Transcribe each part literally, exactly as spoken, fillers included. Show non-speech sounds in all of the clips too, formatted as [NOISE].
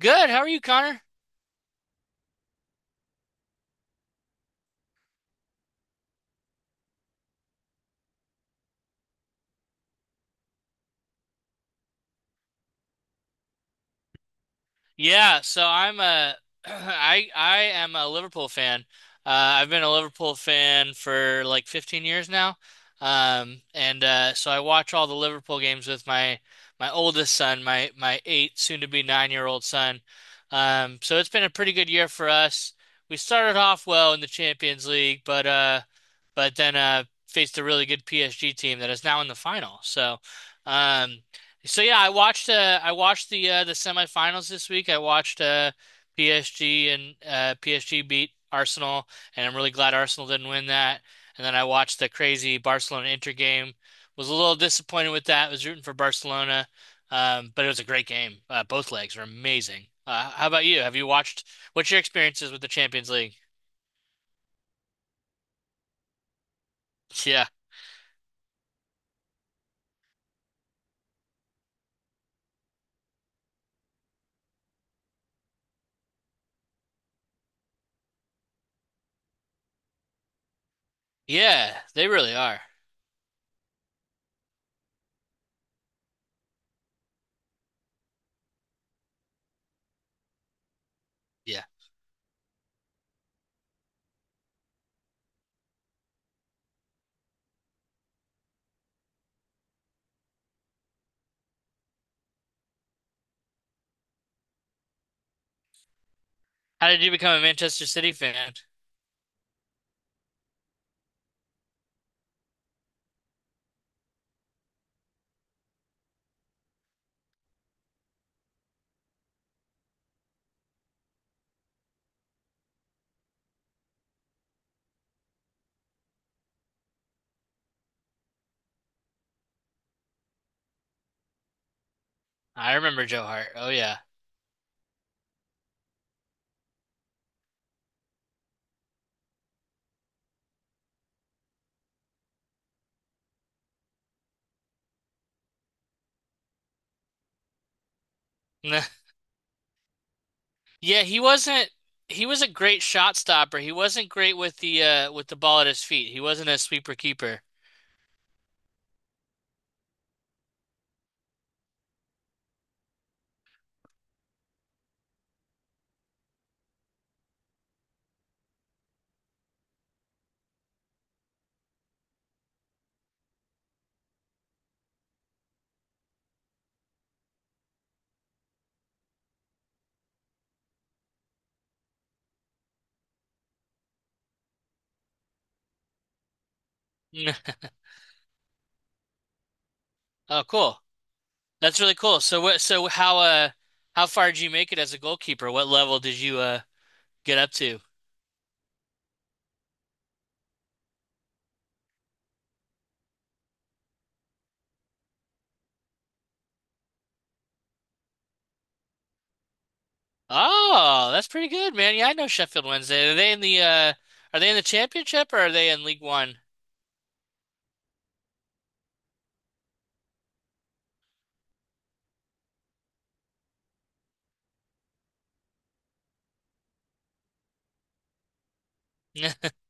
Good. How are you, Connor? Yeah, so I'm a [CLEARS THROAT] I I am a Liverpool fan. Uh, I've been a Liverpool fan for like fifteen years now. Um, and uh, so I watch all the Liverpool games with my my oldest son, my my eight, soon to be nine-year-old son. Um, so it's been a pretty good year for us. We started off well in the Champions League, but uh but then uh faced a really good P S G team that is now in the final. So, um So yeah, I watched uh I watched the uh the semifinals this week. I watched uh P S G, and uh P S G beat Arsenal, and I'm really glad Arsenal didn't win that. And then I watched the crazy Barcelona Inter game. Was a little disappointed with that. Was rooting for Barcelona. Um, but it was a great game. Uh, both legs were amazing. Uh, how about you? Have you watched what's your experiences with the Champions League? Yeah. Yeah, they really are. Yeah. How did you become a Manchester City fan? I remember Joe Hart. Oh yeah. [LAUGHS] Yeah, he wasn't He was a great shot stopper. He wasn't great with the uh with the ball at his feet. He wasn't a sweeper keeper. [LAUGHS] Mm. Oh, cool. That's really cool. So what so how uh how far did you make it as a goalkeeper? What level did you uh get up to? Oh, that's pretty good, man. Yeah, I know Sheffield Wednesday. Are they in the uh are they in the championship, or are they in League One? [LAUGHS]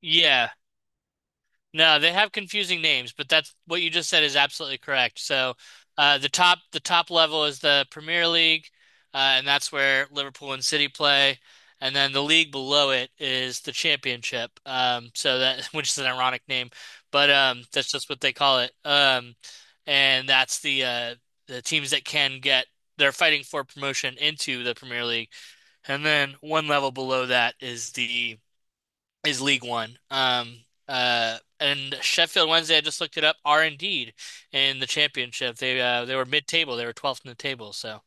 Yeah. No, they have confusing names, but that's what you just said is absolutely correct. So, uh, the top the top level is the Premier League, uh, and that's where Liverpool and City play, and then the league below it is the Championship. Um, so that [LAUGHS] which is an ironic name, but um, that's just what they call it. Um, and that's the uh, the teams that can get they're fighting for promotion into the Premier League, and then one level below that is the is League One. Um, uh, and Sheffield Wednesday, I just looked it up, are indeed in the championship. They uh, they were mid-table. They were twelfth in the table. So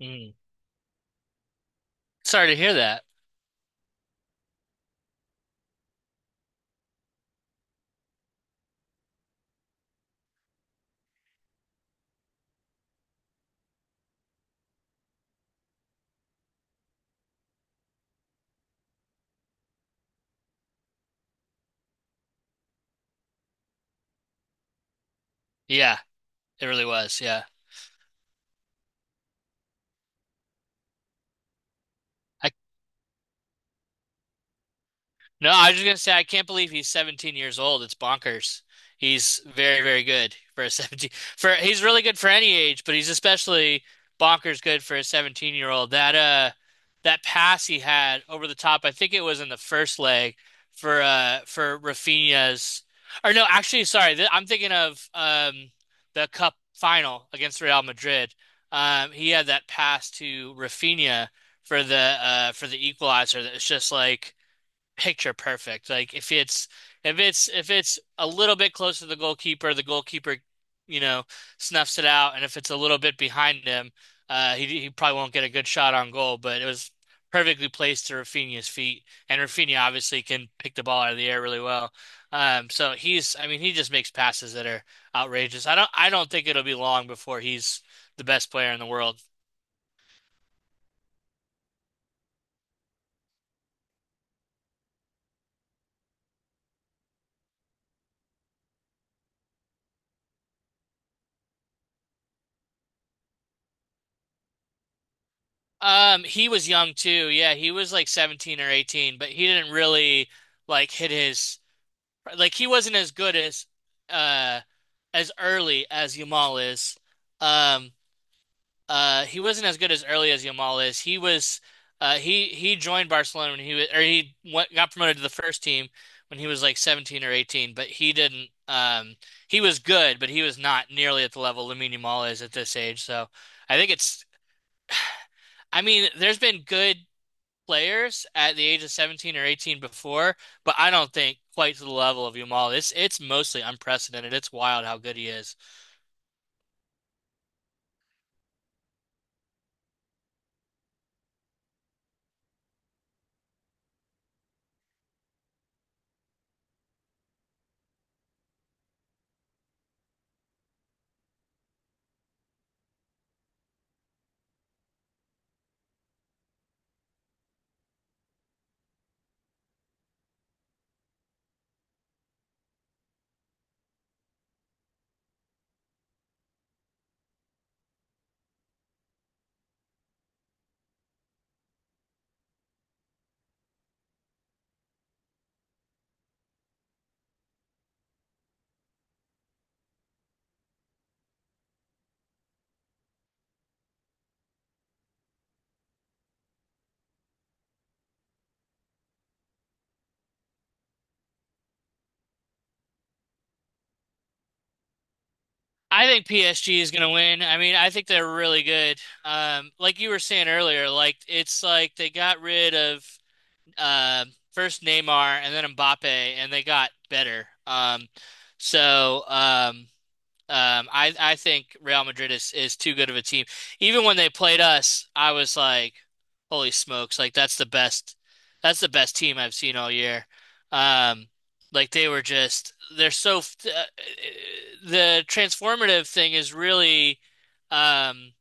mm. Sorry to hear that. Yeah, it really was. Yeah. I No, I was just gonna say I can't believe he's seventeen years old. It's bonkers. He's very, very good for a [LAUGHS] seventeen for he's really good for any age, but he's especially bonkers good for a seventeen year old. That uh that pass he had over the top, I think it was in the first leg for uh for Rafinha's or no, actually sorry, th I'm thinking of um the cup final against Real Madrid. Um he had that pass to Rafinha for the uh for the equalizer that was just like picture perfect. Like if it's if it's if it's a little bit closer to the goalkeeper, the goalkeeper, you know, snuffs it out, and if it's a little bit behind him, uh, he he probably won't get a good shot on goal. But it was perfectly placed to Rafinha's feet, and Rafinha obviously can pick the ball out of the air really well. Um, so he's, I mean, he just makes passes that are outrageous. I don't I don't think it'll be long before he's the best player in the world. Um, he was young too. Yeah, he was like seventeen or eighteen, but he didn't really like hit his like he wasn't as good as uh as early as Yamal is. Um, uh he wasn't as good as early as Yamal is. He was uh he he joined Barcelona when he was or he went, got promoted to the first team when he was like seventeen or eighteen, but he didn't um he was good, but he was not nearly at the level Lamine Yamal is at this age. So, I think it's [SIGHS] I mean, there's been good players at the age of seventeen or eighteen before, but I don't think quite to the level of Yamal. It's it's mostly unprecedented. It's wild how good he is. I think P S G is going to win. I mean, I think they're really good. Um, like you were saying earlier, like it's like they got rid of uh, first Neymar and then Mbappe, and they got better. Um, so um, Um, I I think Real Madrid is is too good of a team. Even when they played us, I was like, "Holy smokes! Like that's the best, that's the best team I've seen all year." Um, like they were just they're so f- uh, the transformative thing is really um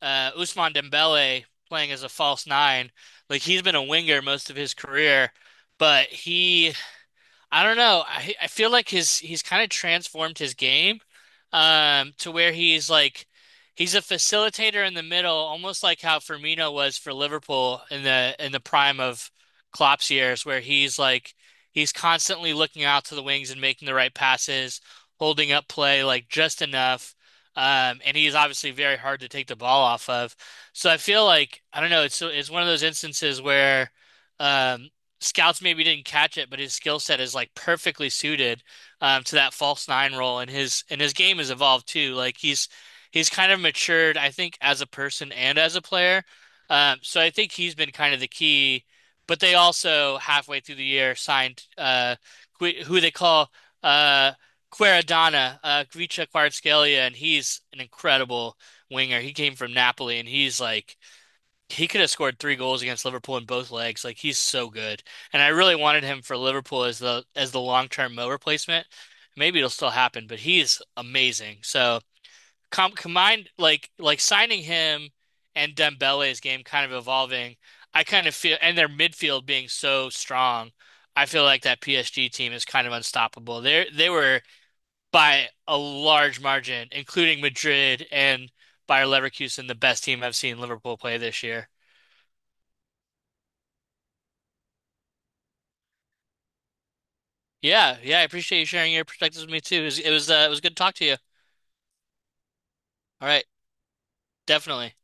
uh Ousmane Dembele playing as a false nine. Like he's been a winger most of his career, but he I don't know. I I feel like his he's kind of transformed his game um to where he's like he's a facilitator in the middle, almost like how Firmino was for Liverpool in the in the prime of Klopp's years, where he's like he's constantly looking out to the wings and making the right passes, holding up play like just enough. Um, and he's obviously very hard to take the ball off of. So I feel like I don't know, it's it's one of those instances where um scouts maybe didn't catch it, but his skill set is like perfectly suited um, to that false nine role, and his and his game has evolved too. Like he's he's kind of matured, I think, as a person and as a player. Um, so I think he's been kind of the key. But they also halfway through the year signed uh, Gui- who they call uh, Quaradonna, uh, Gvica Kvaratskhelia, and he's an incredible winger. He came from Napoli, and he's like he could have scored three goals against Liverpool in both legs. Like he's so good, and I really wanted him for Liverpool as the as the long term Mo replacement. Maybe it'll still happen, but he's amazing. So com combined, like like signing him and Dembele's game kind of evolving, I kind of feel, and their midfield being so strong, I feel like that P S G team is kind of unstoppable. They they were by a large margin, including Madrid and Bayer Leverkusen, the best team I've seen Liverpool play this year. Yeah, yeah, I appreciate you sharing your perspectives with me too. It was, it was uh, it was good to talk to you. All right, definitely.